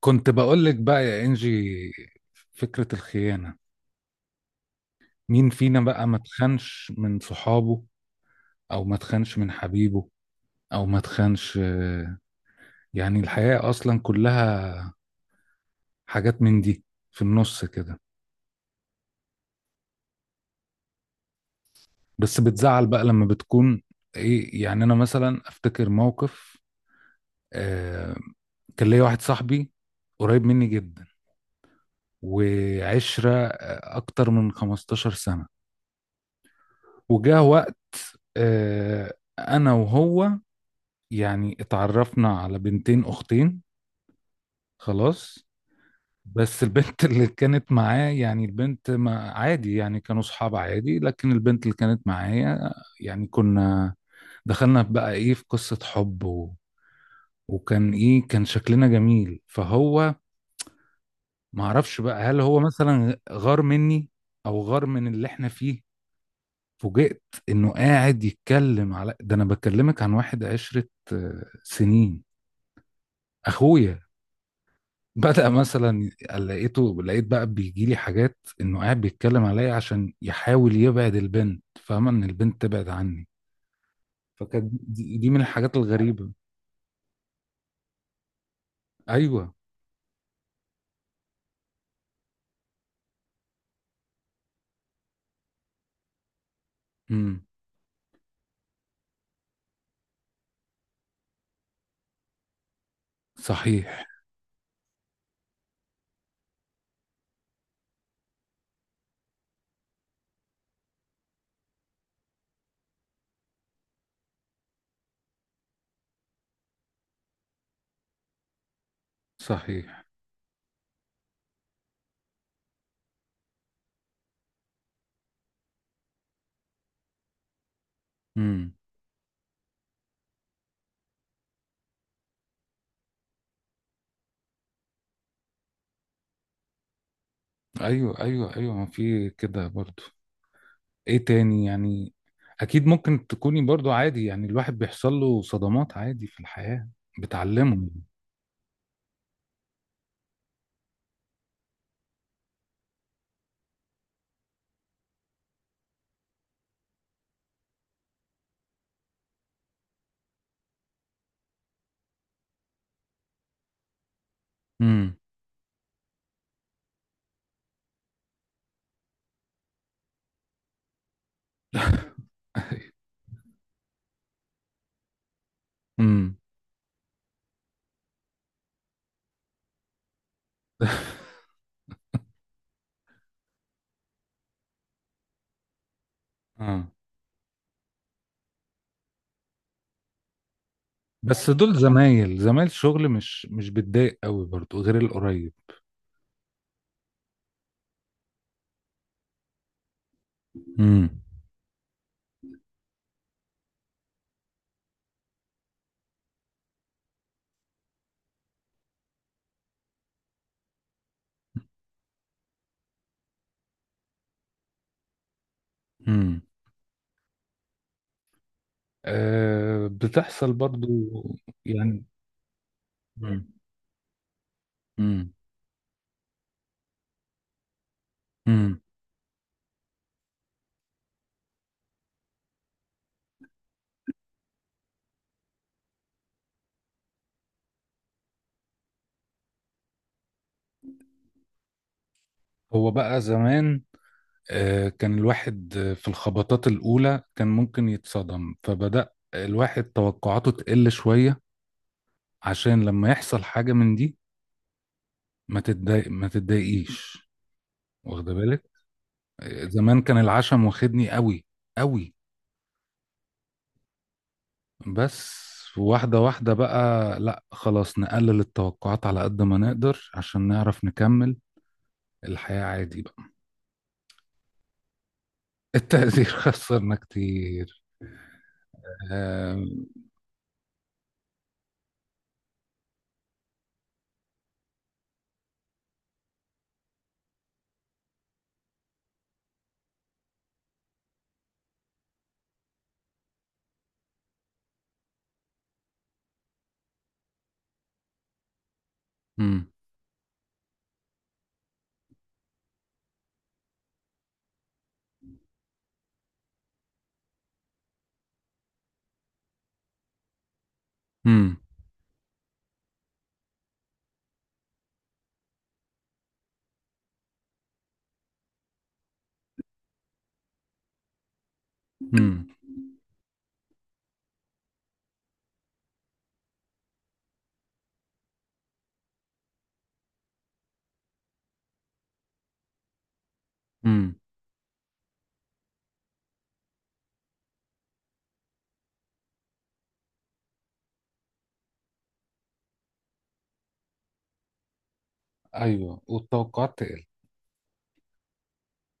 كنت بقول لك بقى يا انجي، فكرة الخيانة. مين فينا بقى ما تخنش من صحابه، او ما تخنش من حبيبه، او ما تخنش. يعني الحياة اصلا كلها حاجات من دي في النص كده. بس بتزعل بقى لما بتكون. ايه يعني؟ انا مثلا افتكر موقف. آه. كان ليا واحد صاحبي قريب مني جدا، وعشرة اكتر من 15 سنة. وجاه وقت آه انا وهو. يعني اتعرفنا على بنتين اختين. خلاص. بس البنت اللي كانت معاه، يعني البنت ما عادي، يعني كانوا صحاب عادي، لكن البنت اللي كانت معايا، يعني كنا. دخلنا بقى ايه في قصة حب وكان ايه، كان شكلنا جميل. فهو ما اعرفش بقى، هل هو مثلا غار مني، او غار من اللي احنا فيه. فوجئت انه قاعد يتكلم على ده. انا بكلمك عن واحد عشرة سنين. اخويا. بدأ مثلا، لقيت بقى بيجي لي حاجات، انه قاعد بيتكلم عليا عشان يحاول يبعد البنت، فاهمة؟ ان البنت تبعد عني. فكانت دي من الحاجات الغريبة. ايوه. امم. صحيح. صحيح. امم. ايوه، ايوه، ايوه، ما في كده برضو. ايه تاني يعني؟ اكيد ممكن تكوني برضو عادي. يعني الواحد بيحصل له صدمات عادي في الحياة بتعلمه. امم. امم. بس دول زمايل شغل، مش بتضايق قوي برضو غير القريب. امم. امم. آه، بتحصل برضو يعني. امم. امم. امم. هو بقى زمان، كان الواحد في الخبطات الأولى كان ممكن يتصدم. فبدأ الواحد توقعاته تقل شوية، عشان لما يحصل حاجة من دي، ما تتضايق، ما تتضايقيش، واخد بالك. زمان كان العشم واخدني قوي، قوي. بس واحدة واحدة بقى، لا خلاص، نقلل التوقعات على قد ما نقدر عشان نعرف نكمل الحياة عادي بقى. التقدير خسرنا كتير. آم، مم، مم، مم، مم. ايوه، والتوقعات تقل.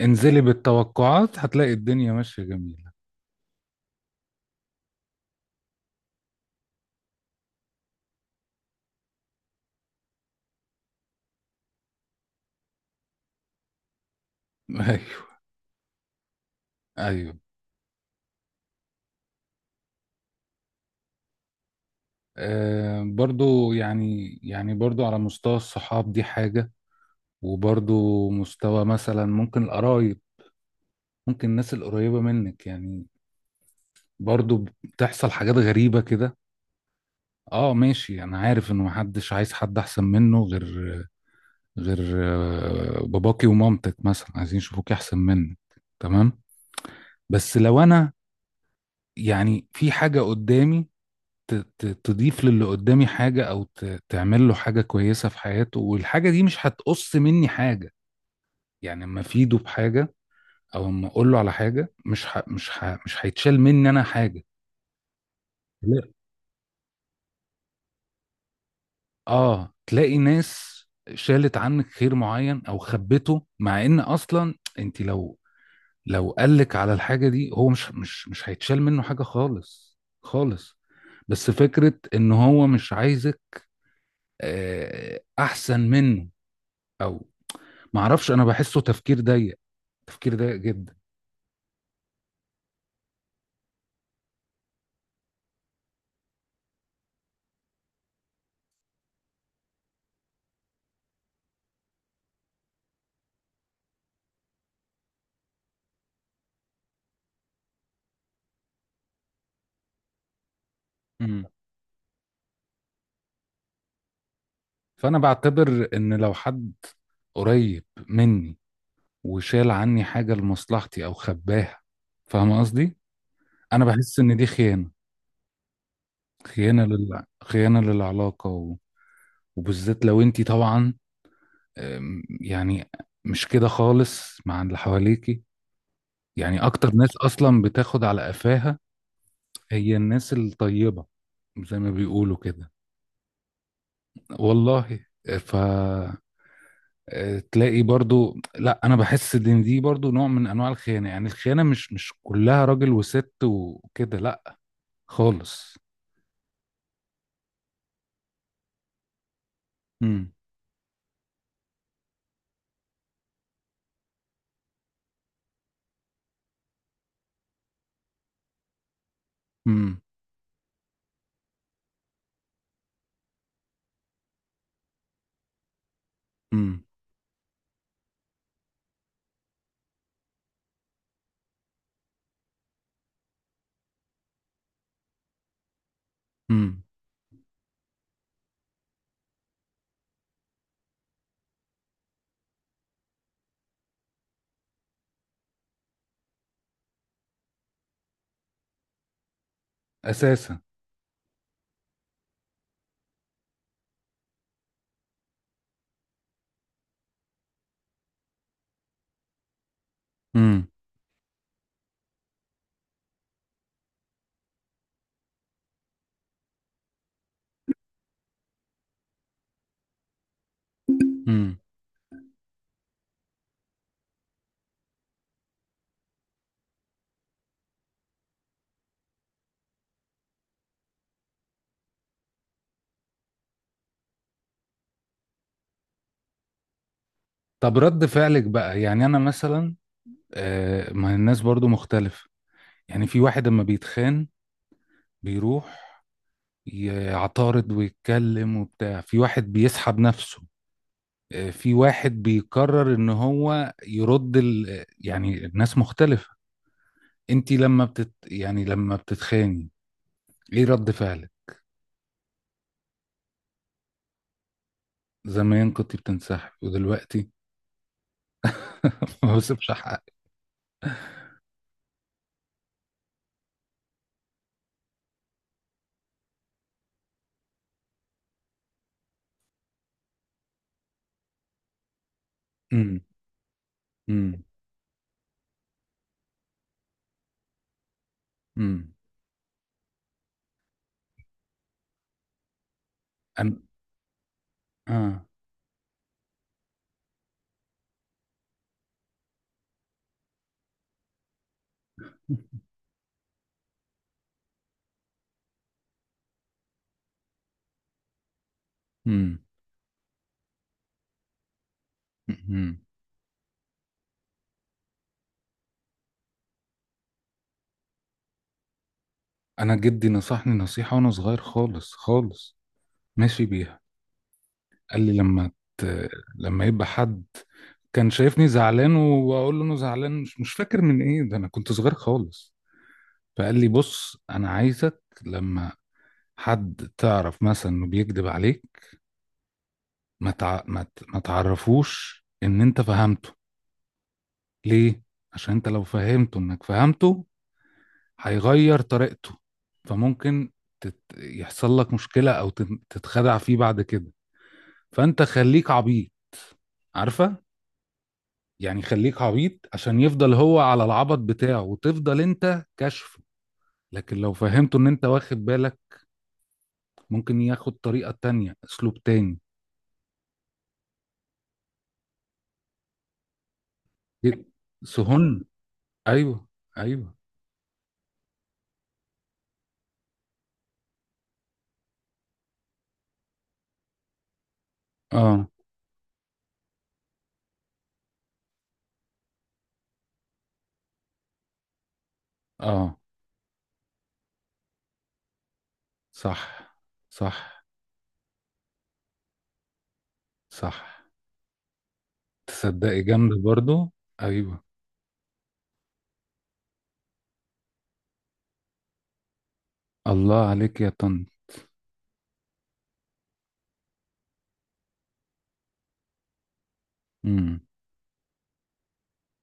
انزلي بالتوقعات هتلاقي الدنيا ماشية جميلة. ايوه. ايوه. برضو، يعني برضو على مستوى الصحاب دي حاجة، وبرضو مستوى مثلا ممكن القرايب، ممكن الناس القريبة منك يعني. برضو بتحصل حاجات غريبة كده. اه ماشي. انا عارف انه محدش عايز حد احسن منه، غير باباكي ومامتك مثلا عايزين يشوفوك احسن منك. تمام. بس لو انا يعني في حاجة قدامي تضيف للي قدامي حاجة، او تعمل له حاجة كويسة في حياته، والحاجة دي مش هتقص مني حاجة، يعني اما افيده بحاجة او اما اقول له على حاجة، مش هيتشال مني انا حاجة. اه، تلاقي ناس شالت عنك خير معين او خبته، مع ان اصلا انت لو قالك على الحاجه دي، هو مش هيتشال منه حاجه خالص، خالص. بس فكره ان هو مش عايزك احسن منه، او معرفش، انا بحسه تفكير ضيق، تفكير ضيق جدا. مم. فانا بعتبر ان لو حد قريب مني وشال عني حاجه لمصلحتي او خباها، فاهم قصدي؟ انا بحس ان دي خيانه. خيانة للعلاقة وبالذات لو انتي طبعا، يعني مش كده خالص مع اللي حواليكي. يعني اكتر ناس اصلا بتاخد على قفاها هي الناس الطيبة، زي ما بيقولوا كده. والله. ف تلاقي برضو، لا انا بحس ان دي برضو نوع من انواع الخيانة. يعني الخيانة مش مش كلها راجل وست وكده، لا، خالص. امم. امم. امم. امم، اساسا. امم. امم. طب رد فعلك بقى؟ يعني انا مثلا، ما الناس برضو مختلفة. يعني في واحد اما بيتخان بيروح يعترض ويتكلم وبتاع، في واحد بيسحب نفسه، في واحد بيقرر ان هو يرد يعني الناس مختلفة. انتي لما بتت يعني لما بتتخاني، ايه رد فعلك؟ زمان كنت بتنسحب، ودلوقتي؟ ما بسيبش حقك. امم. امم. امم. أنا- اه. امم. انا جدي نصحني نصيحة وانا صغير خالص، خالص، ماشي بيها. قال لي لما ت... لما يبقى حد كان شايفني زعلان واقول له انه زعلان، مش مش فاكر من ايه ده، انا كنت صغير خالص. فقال لي، بص انا عايزك لما حد تعرف مثلا انه بيكذب عليك، ما تع... ما ت... ما تعرفوش ان انت فهمته. ليه؟ عشان انت لو فهمته انك فهمته هيغير طريقته. فممكن يحصل لك مشكلة، او تتخدع فيه بعد كده. فانت خليك عبيط، عارفه؟ يعني خليك عبيط عشان يفضل هو على العبط بتاعه، وتفضل انت كشفه. لكن لو فهمته ان انت واخد بالك، ممكن ياخد طريقه تانية، اسلوب تاني. ي- سهون. ايوه. ايوه. اه. اه. صح. صح. صح. تصدقي جامده برضو. ايوه. الله عليك يا طن.